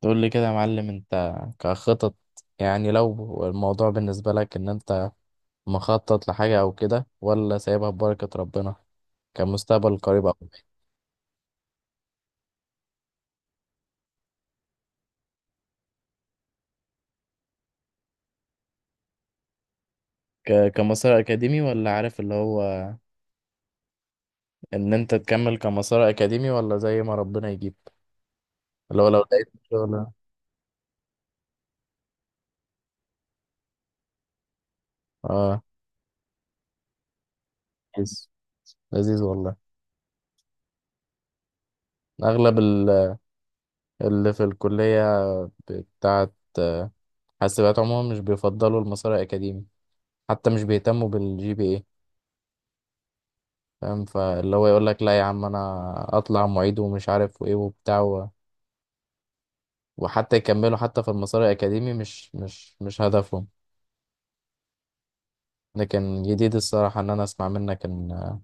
تقول لي كده يا معلم انت كخطط. يعني لو الموضوع بالنسبة لك ان انت مخطط لحاجة او كده ولا سايبها ببركة ربنا كمستقبل قريب او بعيد؟ كمسار اكاديمي ولا عارف اللي هو ان انت تكمل كمسار اكاديمي ولا زي ما ربنا يجيب اللي هو لو لقيت شغل. اه، لذيذ، لذيذ والله. اغلب اللي في الكلية بتاعت آه، حاسبات عموما مش بيفضلوا المسار الاكاديمي، حتى مش بيهتموا بالجي بي اي. فاهم، فاللي هو يقول لك لا يا عم انا اطلع معيد ومش عارف وايه وبتاع و... وحتى يكملوا، حتى في المسار الاكاديمي مش هدفهم. لكن جديد الصراحه ان انا اسمع منك ان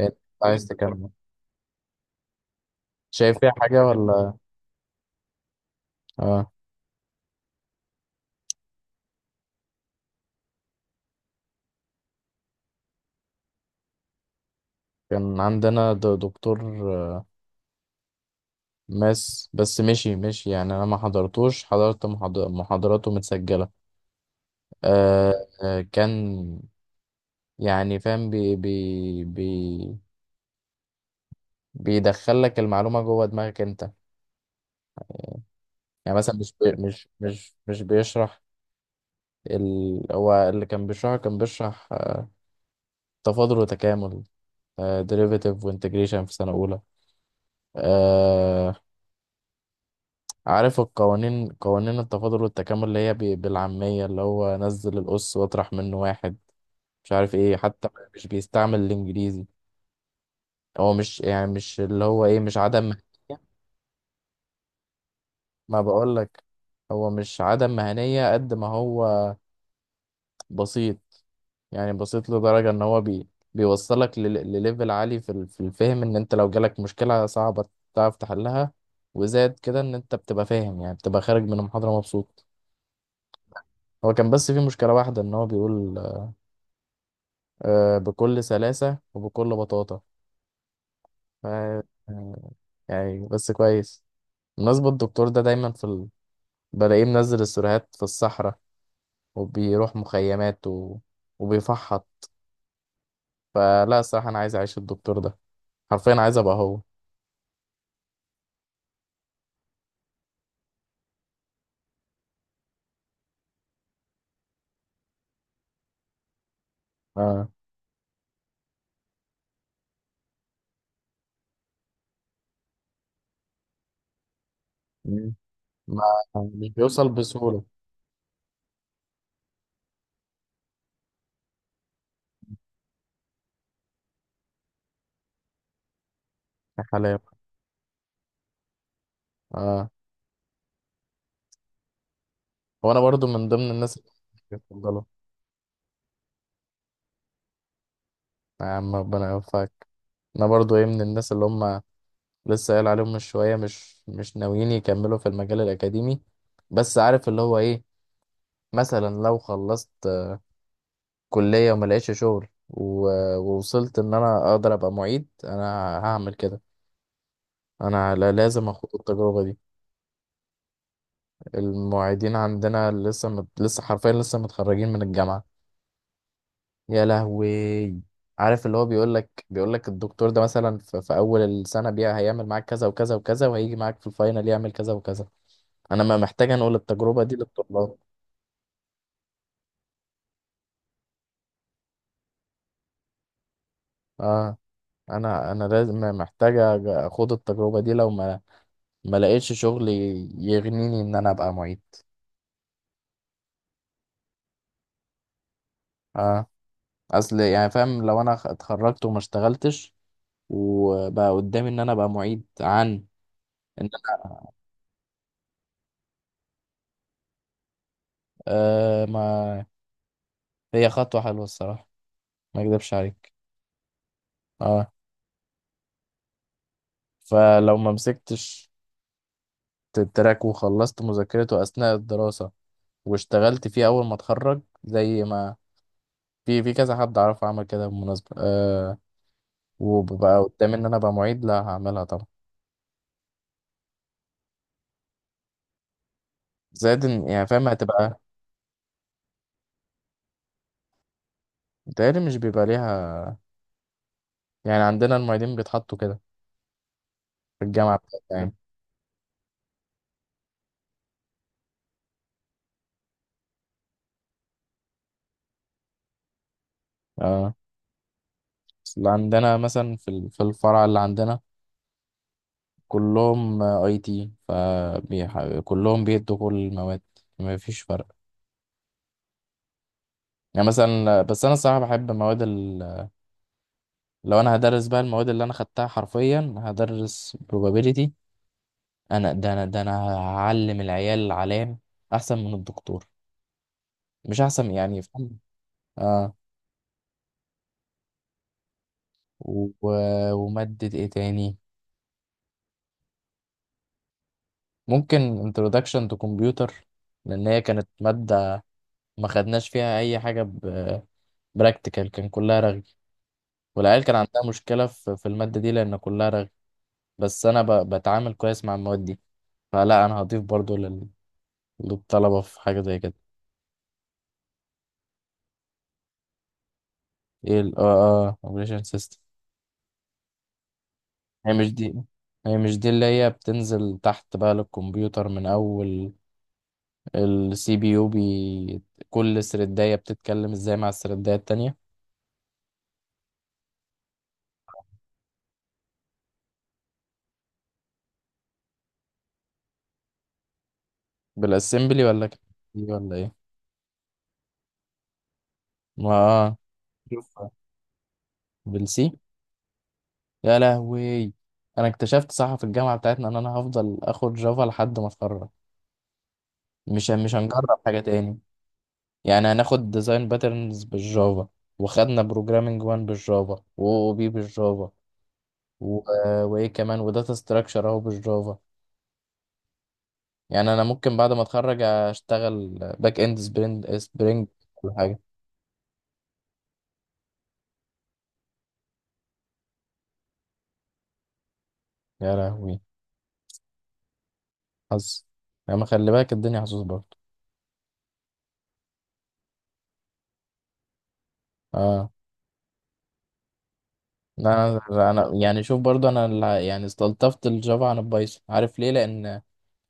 إن أنت عايز تكمل. شايف فيها حاجه ولا. اه. كان عندنا دكتور ماس، بس مشي مشي، يعني انا ما حضرتوش، حضرت محاضراته متسجله. آه. كان يعني فاهم بي بي بي بيدخل لك المعلومه جوه دماغك انت. يعني مثلا مش بي مش مش مش بيشرح، ال... هو اللي كان بيشرحه كان بيشرح، تفاضل وتكامل، ديريفيتيف وانتجريشن في سنة أولى. آه، عارف القوانين، قوانين التفاضل والتكامل اللي هي بالعامية اللي هو نزل الأس واطرح منه واحد، مش عارف ايه حتى. مش بيستعمل الإنجليزي. هو مش يعني مش اللي هو ايه مش عدم مهنية. ما بقولك، هو مش عدم مهنية قد ما هو بسيط. يعني بسيط لدرجة ان هو بيوصلك لليفل عالي في في الفهم. ان انت لو جالك مشكلة صعبة تعرف تحلها، وزاد كده ان انت بتبقى فاهم، يعني بتبقى خارج من المحاضرة مبسوط. هو كان بس في مشكلة واحدة ان هو بيقول، بكل سلاسة وبكل بطاطا. ف- آه، يعني بس كويس. بالنسبة الدكتور ده دايما في ال... بلاقيه منزل السيرفيهات في الصحراء وبيروح مخيمات و... وبيفحط. فلا الصراحة أنا عايز أعيش الدكتور ده، حرفيا عايز أبقى هو. آه. ما مش بيوصل بسهولة. يا حلاوة. اه، وانا برضو من ضمن الناس اللي بيفضلوا. يا عم ربنا يوفقك. انا برضو ايه من الناس اللي هم لسه قايل عليهم من شوية، مش ناويين يكملوا في المجال الأكاديمي. بس عارف اللي هو ايه، مثلا لو خلصت كلية وما لقيتش شغل ووصلت ان انا اقدر ابقى معيد، انا هعمل كده. انا لازم اخد التجربة دي. المعيدين عندنا لسه مت... لسه حرفيا لسه متخرجين من الجامعة. يا لهوي، عارف اللي هو بيقول لك الدكتور ده مثلا في اول السنه بيها هيعمل معاك كذا وكذا وكذا، وهيجي معاك في الفاينل يعمل كذا وكذا. انا ما محتاج انقل التجربه دي للطلاب. اه، انا لازم محتاج اخد التجربه دي لو ما لقيتش شغل يغنيني ان انا ابقى معيد. اه، اصل يعني فاهم لو انا اتخرجت وما اشتغلتش، وبقى قدامي ان انا ابقى معيد، عن ان انا. آه، ما هي خطوه حلوه الصراحه، ما اكذبش عليك. اه، فلو ما مسكتش التراك وخلصت مذاكرته أثناء الدراسة واشتغلت فيه أول ما اتخرج زي ما في كذا حد أعرفه عمل كده بالمناسبة، أه. وببقى قدامي إن أنا أبقى معيد، لا هعملها طبعا. زائد يعني فاهم هتبقى، متهيألي مش بيبقى ليها. يعني عندنا المعيدين بيتحطوا كده في الجامعة بتاعتنا يعني. اه، بس اللي عندنا مثلا في في الفرع اللي عندنا كلهم اي تي، فكلهم بيدوا كل المواد، ما فيش فرق. يعني مثلا بس انا الصراحه بحب مواد ال... لو انا هدرس بقى المواد اللي انا خدتها، حرفيا هدرس probability. انا ده انا هعلم العيال علام احسن من الدكتور، مش احسن يعني فاهم. اه. و... وماده ايه تاني؟ ممكن introduction to computer، لان هي كانت ماده ما خدناش فيها اي حاجه ب... براكتيكال، كان كلها رغي. والعيال كان عندها مشكله في الماده دي لان كلها رغي. بس انا ب... بتعامل كويس مع المواد دي، فلا انا هضيف برضو للطلبة في حاجة زي كده. ايه ال اه، اه اوبريشن سيستم. هي مش دي، هي مش دي اللي هي بتنزل تحت بقى للكمبيوتر من اول السي بي يو بي، كل سردية بتتكلم ازاي مع السردية التانية. بالاسمبلي ولا كده ولا ايه؟ ما اه، شوف، بالسي. يا لهوي، انا اكتشفت صح في الجامعة بتاعتنا ان انا هفضل اخد جافا لحد ما اتخرج، مش هنجرب حاجة تاني. يعني هناخد ديزاين باترنز بالجافا، وخدنا بروجرامينج 1 بالجافا و بي بالجافا و... آه، وايه كمان، وداتا ستراكشر اهو بالجافا. يعني انا ممكن بعد ما اتخرج اشتغل باك اند سبرينج، كل حاجه. يا لهوي، حظ. يعني ما خلي بالك الدنيا حظوظ برضه. اه، انا انا يعني شوف برضه انا اللي- يعني استلطفت الجافا عن البايثون، عارف ليه؟ لان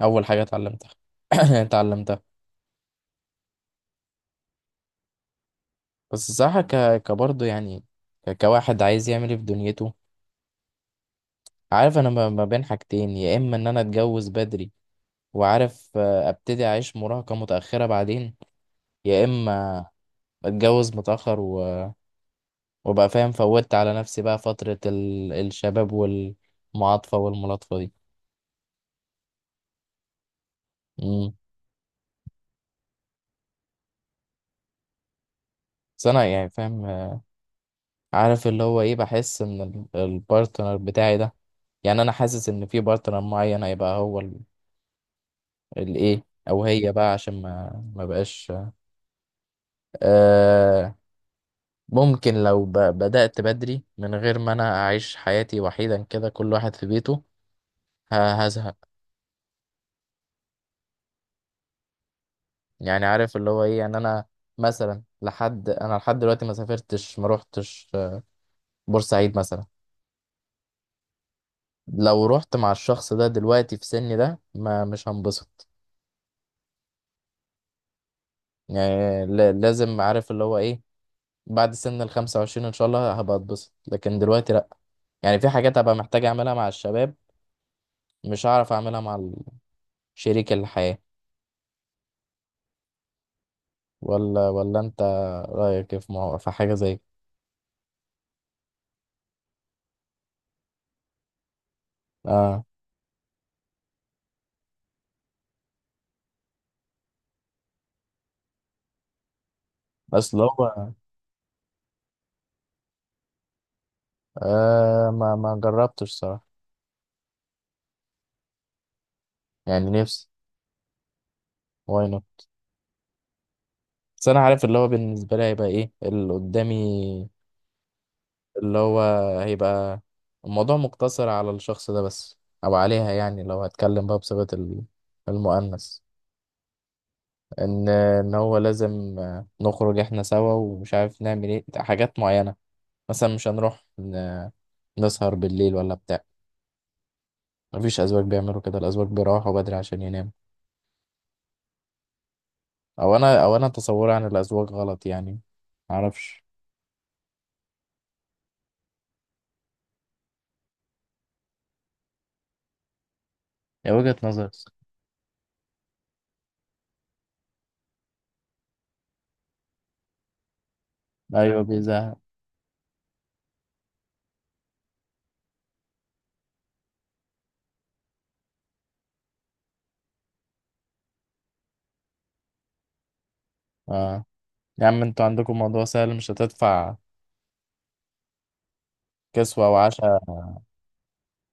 اول حاجه اتعلمتها اتعلمتها. بس صح ك كبرضه يعني، كواحد عايز يعمل ايه في دنيته. عارف انا ما بين حاجتين، يا اما ان انا اتجوز بدري وعارف ابتدي اعيش مراهقة متأخرة بعدين، يا اما اتجوز متأخر وابقى فاهم فوتت على نفسي بقى فترة ال... الشباب والمعاطفة والملاطفة دي. امم. بس انا يعني فاهم، عارف اللي هو ايه، بحس ان البارتنر بتاعي ده، يعني انا حاسس ان في بارتنر معين هيبقى هو ال- الايه، او هي بقى عشان ما بقاش. آه، ممكن لو بدأت بدري من غير ما انا اعيش حياتي وحيدا كده كل واحد في بيته، ه- هزهق. يعني عارف اللي هو ايه، يعني انا مثلا لحد انا لحد دلوقتي ما سافرتش ما روحتش، بورسعيد مثلا. لو رحت مع الشخص ده دلوقتي في سني ده، ما مش هنبسط. يعني لازم عارف اللي هو ايه، بعد سن ال 25 ان شاء الله هبقى اتبسط، لكن دلوقتي لا. يعني في حاجات هبقى محتاج اعملها مع الشباب، مش هعرف اعملها مع ال- شريك الحياة. ولا انت رايك إيه في في حاجه زي كده؟ اه، اصل هو. آه، ما ما جربتش صراحه، يعني نفسي، واي نوت. بس انا عارف اللي هو بالنسبه لي هيبقى ايه اللي قدامي، اللي هو هيبقى الموضوع مقتصر على الشخص ده بس، او عليها يعني لو هتكلم بقى بصيغه المؤنث. ان هو لازم نخرج احنا سوا ومش عارف نعمل ايه حاجات معينه. مثلا مش هنروح نسهر بالليل ولا بتاع. مفيش أزواج بيعملوا كده، الأزواج بيروحوا بدري عشان يناموا. أو أنا أو أنا تصوري عن الأزواج غلط يعني، معرفش. هي وجهة نظر. أيوة بيزهق. آه، يا عم أنتوا عندكم موضوع سهل، مش هتدفع كسوة وعشاء.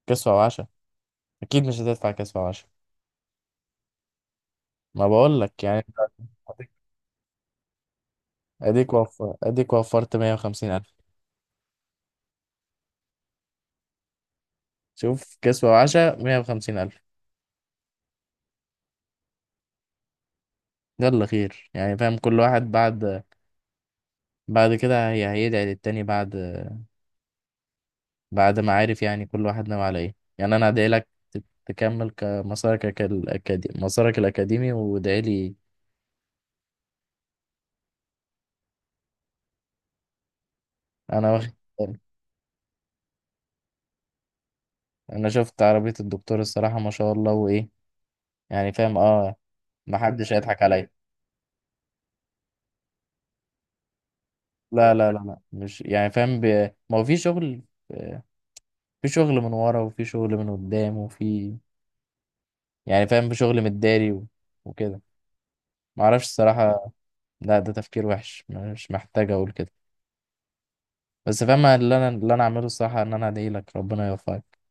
كسوة وعشاء، أكيد مش هتدفع كسوة وعشاء. ما بقولك يعني، أديك، وفر أديك وفرت 150,000. شوف، كسوة وعشاء 150,000. يلا خير يعني فاهم كل واحد بعد، بعد كده هي هيدعي للتاني، بعد ما عارف يعني كل واحد ناوي على ايه. يعني انا هدعي لك تكمل مسارك الأكاديمي، وادعي لي. انا واخد بالي. انا شفت عربية الدكتور الصراحة ما شاء الله وايه، يعني فاهم اه. ما حدش هيضحك عليا. لا، لا، لا، لا، مش يعني فاهم ب... ما هو في شغل، في شغل من ورا وفي شغل من قدام، وفي يعني فاهم في شغل متداري و... وكده. ما اعرفش الصراحة. لا ده تفكير وحش، مش محتاج اقول كده. بس فاهم اللي انا اللي انا اعمله الصراحة ان انا ادعي لك ربنا يوفقك.